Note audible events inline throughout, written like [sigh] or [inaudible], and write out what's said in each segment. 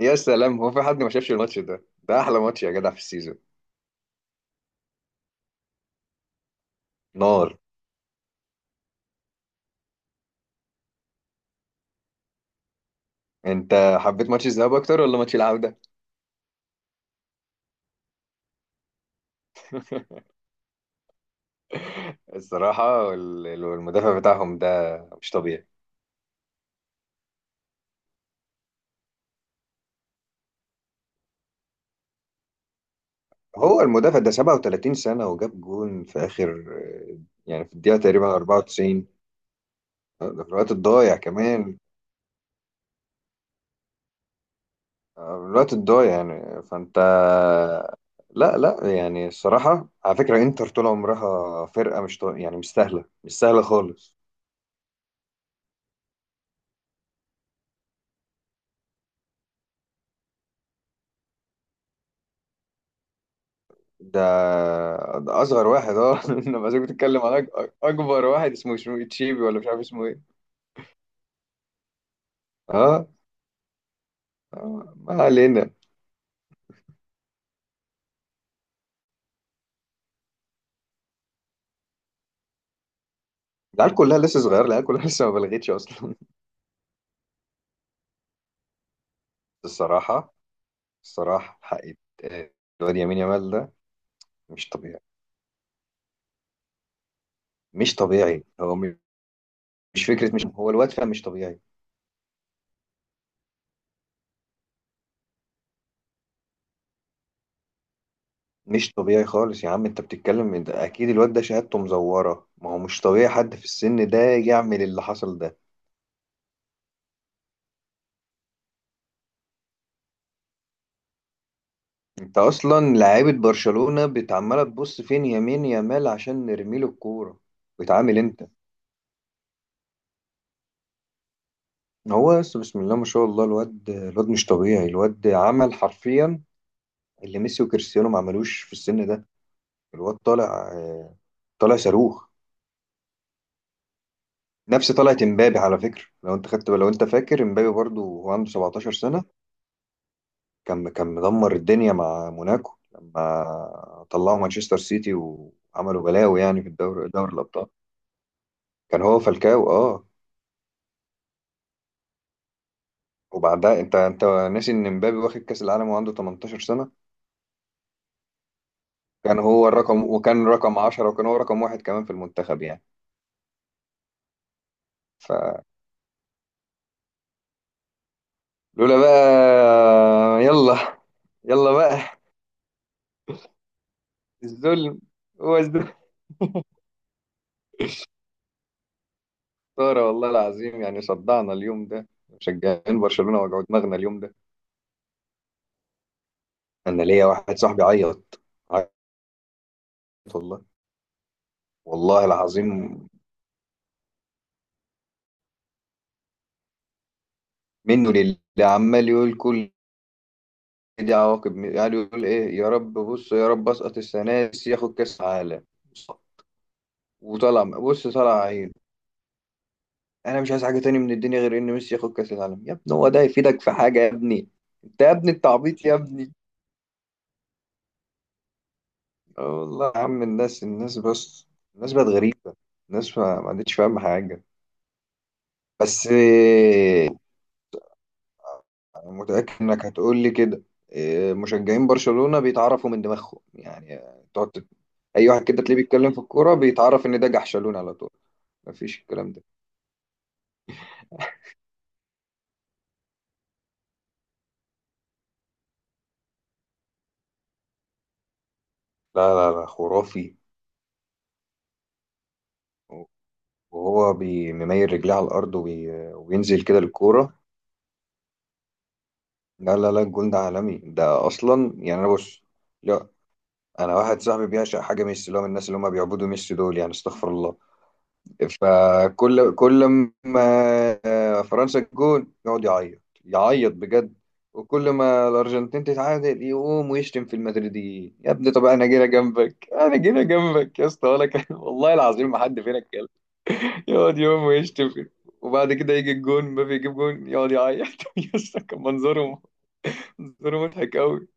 يا سلام، هو في حد ما شافش الماتش ده؟ ده احلى ماتش يا جدع في السيزون. نار. انت حبيت ماتش الذهاب اكتر ولا ماتش العودة؟ [laughs] الصراحة المدافع بتاعهم ده مش طبيعي. هو المدافع ده 37 سنة وجاب جون في آخر، يعني في الدقيقة تقريبا 94. ده في الوقت الضايع كمان. آه، الوقت الضايع يعني. فأنت لا يعني الصراحة، على فكرة إنتر طول عمرها فرقة مش يعني مش سهلة، مش سهلة خالص. ده ده اصغر واحد، اه. [laughs] لما زي بتتكلم على اكبر واحد اسمه شنو، تشيبي ولا مش عارف اسمه ايه. اه، آه، ما علينا. العيال كلها لسه صغيره، العيال كلها لسه ما بلغتش اصلا. [laughs] الصراحه، الصراحه حق يت- الواد يمين يامال ده مش طبيعي. مش طبيعي. مش فكره، مش، هو الواد فعلا مش طبيعي. مش طبيعي خالص يا عم انت بتتكلم، ده اكيد الواد ده شهادته مزوره، ما هو مش طبيعي حد في السن ده يعمل اللي حصل ده. انت اصلا لعيبه برشلونه بتعمله تبص فين يمين يامال عشان نرمي له الكوره. بتعامل انت. هو بس بسم الله ما شاء الله، الواد، الواد مش طبيعي. الواد عمل حرفيا اللي ميسي وكريستيانو ما عملوش في السن ده. الواد طالع، آه، طالع صاروخ. نفس طلعت امبابي، على فكره لو انت خدت، لو انت فاكر امبابي، برضو هو عنده 17 سنه. كان مدمر الدنيا مع موناكو لما طلعوا مانشستر سيتي وعملوا بلاوي يعني في الدوري، دوري الابطال. كان هو فالكاو، اه. وبعدها، انت ناسي ان مبابي واخد كاس العالم وعنده 18 سنه. كان هو الرقم، وكان رقم 10، وكان هو رقم واحد كمان في المنتخب يعني. فلولا، بقى يلا. يلا بقى. الظلم، هو الظلم. خسارة والله العظيم، يعني صدعنا اليوم ده مشجعين برشلونة، وجعوا دماغنا اليوم ده. أنا ليا واحد صاحبي عيط، عيط، والله. والله العظيم، منه لله، عمال يقول، كل دي عواقب، يعني يقول إيه، يا رب بص، يا رب أسقط السنة دي ياخد كأس عالم. وطلع بص، طلع عينه. انا مش عايز حاجه تاني من الدنيا غير ان ميسي ياخد كاس العالم. يا ابني هو ده يفيدك في حاجه يا ابني؟ انت يا ابني التعبيط يا ابني. اه والله يا عم، الناس بس، الناس بقت غريبه، الناس ما عادتش فاهمه حاجه. بس إيه، انا متاكد انك هتقول لي كده، إيه، مشجعين برشلونه بيتعرفوا من دماغهم يعني. تقعد تت- اي واحد كده تلاقيه بيتكلم في الكوره بيتعرف ان ده جحشلون على طول. مفيش الكلام ده. لا لا لا، خرافي. وهو بيميل رجليه على الارض وينزل كده للكوره. لا لا لا، الجون ده عالمي، ده اصلا يعني انا بص. لا، انا واحد صاحبي بيعشق حاجه ميسي، اللي هو من الناس اللي هم بيعبدوا ميسي دول، يعني استغفر الله. فكل، كل ما فرنسا الجون يقعد يعيط، يعيط بجد. وكل ما الارجنتين تتعادل يقوم ويشتم في المدريديين. يا ابني طب انا جينا جنبك، انا جينا جنبك يا اسطى، ولا كان [laughs] والله العظيم ما حد فينا اتكلم. يقعد يوم ويشتم، وبعد كده يجي الجون مبابي، يجيب جون يقعد يعيط. [laughs] يا اسطى كان منظره، منظره مضحك قوي.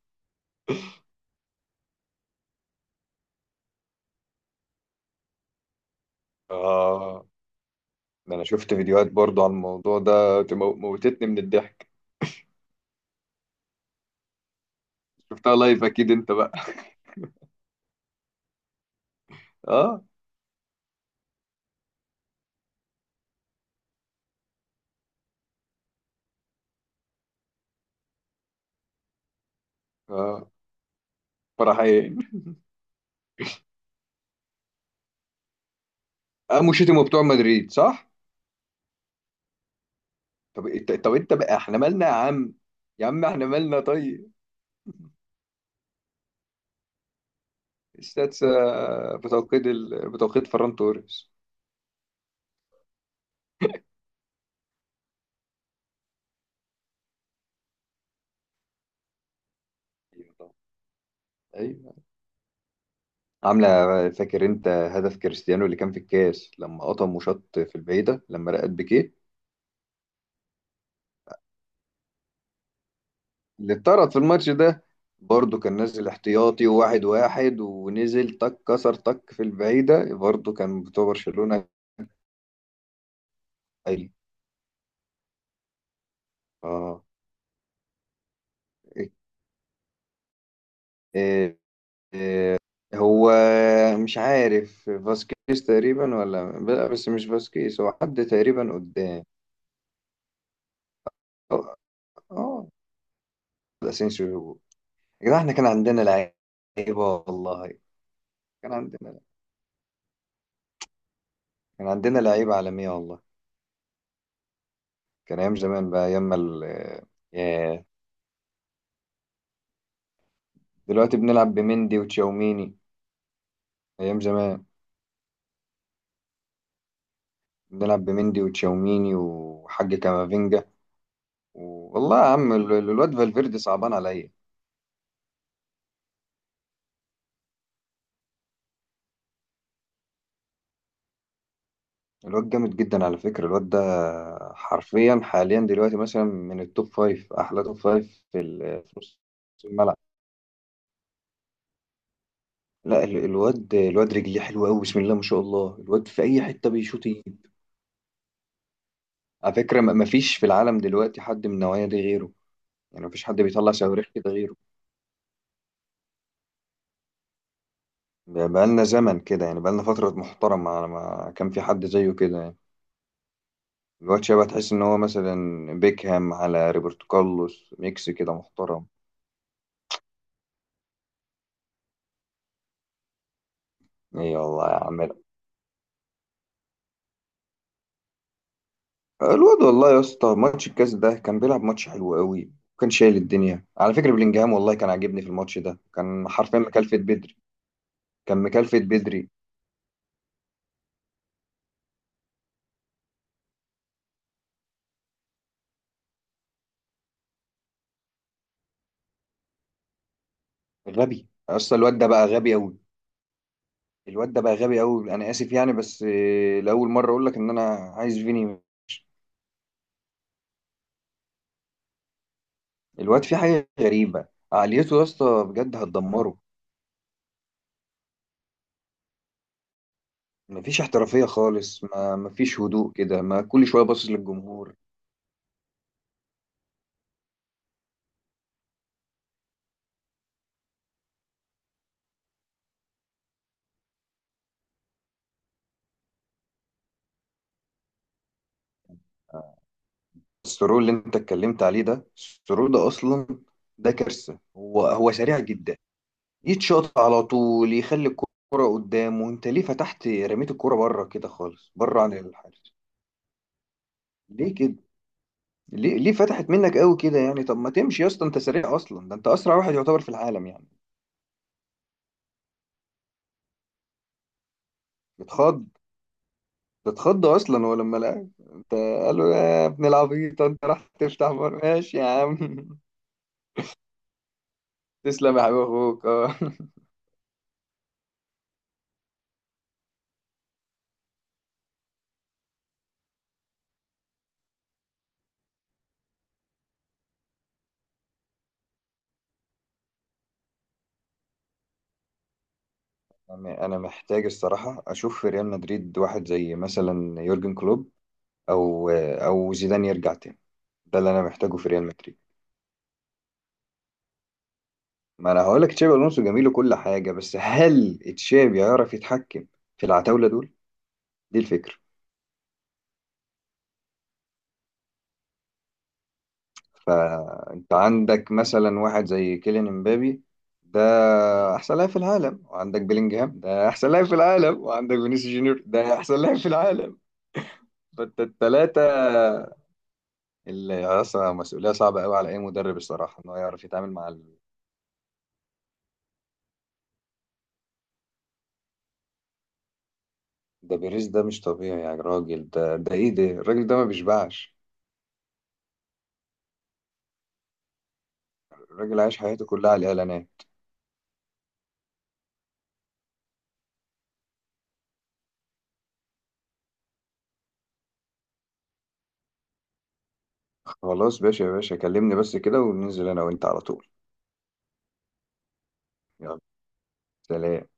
اه، ده انا شفت فيديوهات برضو عن الموضوع ده، موتتني من الضحك. شفتها لايف اكيد انت بقى. [laughs] اه. اه، فرحين. قاموا شتموا بتوع مدريد، صح؟ طب انت، طب انت بقى احنا مالنا يا عم؟ يا عم احنا مالنا طيب. السادسة بتوقيت بتوقيت فران توريس. ايوه طبعا. ايوه، عاملة. فاكر انت هدف كريستيانو اللي كان في الكاس، لما قطم وشط في البعيدة لما رقت بيكيه، اللي اتطرد في الماتش ده؟ برضه كان نازل احتياطي، وواحد ونزل تك كسر تك في البعيدة، برضه كان بتوع برشلونة. عالي. اه. إيه. إيه، هو، مش عارف، فاسكيز تقريبا ولا لا، بس مش فاسكيز، هو حد تقريبا قدام. اه، آه، ده اسينسيو. يا جدعان احنا كان عندنا لعيبة والله. كان عندنا، كان عندنا لعيبة عالمية والله. كان أيام زمان بقى، أيام ما ال… ياه. دلوقتي بنلعب بمندي وتشاوميني. أيام زمان بنلعب بمندي وتشاوميني وحاج كامافينجا. و- والله يا عم ال- ال- الواد فالفيردي صعبان عليا. الواد جامد جدا على فكرة الواد ده، حرفيا حاليا دلوقتي مثلا من التوب فايف، أحلى توب فايف في في نص الملعب. لا الواد، الواد رجليه حلوة أوي، بسم الله ما شاء الله، الواد في أي حتة بيشوط يجيب. على فكرة ما فيش في العالم دلوقتي حد من النوعية دي غيره، يعني مفيش حد بيطلع صواريخ كده غيره. بقالنا زمن كده، يعني بقالنا فترة محترمة على ما كان في حد زيه كده يعني. الواد شبه، تحس إن هو مثلا بيكهام على روبرتو كارلوس ميكس كده محترم. ايه والله يا عم، الواد، والله يا اسطى ماتش الكاس ده كان بيلعب ماتش حلو قوي، وكان شايل الدنيا على فكرة، بلينجهام والله كان عاجبني في الماتش ده، كان حرفيا مكلفة بدري، كان مكلفة بدري. غبي اصلا الواد ده، بقى غبي قوي. الواد ده بقى غبي قوي، انا اسف يعني بس آه، لاول مره اقول لك ان انا عايز فيني. الواد فيه حاجة غريبة، عقليته يا اسطى بجد هتدمره. مفيش احترافية خالص، ما مفيش هدوء كده، ما كل شوية باصص للجمهور. السرور اللي انت اتكلمت عليه ده، السرور ده اصلا ده كارثة، هو هو سريع جدا. يتشاط على طول، يخلي الكرة قدامه، انت ليه فتحت، رميت الكرة بره كده خالص، بره عن الحارس. ليه كده؟ ليه، ليه فتحت منك قوي كده يعني؟ طب ما تمشي يا اسطى، انت سريع اصلا، ده انت اسرع واحد يعتبر في العالم يعني. بتخض. اتخض اصلا هو لما لعب، انت قال له يا ابن العبيط، انت راح تفتح بار؟ ماشي يا عم. [laughs] تسلم يا حبيب اخوك اه. أنا محتاج الصراحه اشوف في ريال مدريد واحد زي مثلا يورجن كلوب، او، او زيدان يرجع تاني. ده اللي انا محتاجه في ريال مدريد. ما انا هقول لك تشابي الونسو جميل وكل حاجه، بس هل تشابي يعرف يتحكم في العتاوله دول؟ دي الفكره. فانت عندك مثلا واحد زي كيليان امبابي، ده احسن لاعب في العالم، وعندك بيلينجهام ده احسن لاعب في العالم، وعندك فينيسيوس جونيور ده احسن لاعب في العالم. فانت الثلاثه اللي اصلا مسؤوليه صعبه قوي على اي مدرب الصراحه ان هو يعرف يتعامل مع ده بيريز ده مش طبيعي يا راجل، ده ده ايه ده، الراجل ده ما بيشبعش. الراجل عايش حياته كلها على الاعلانات. خلاص باشا، يا باشا كلمني بس كده وننزل انا وانت على طول. يلا سلام.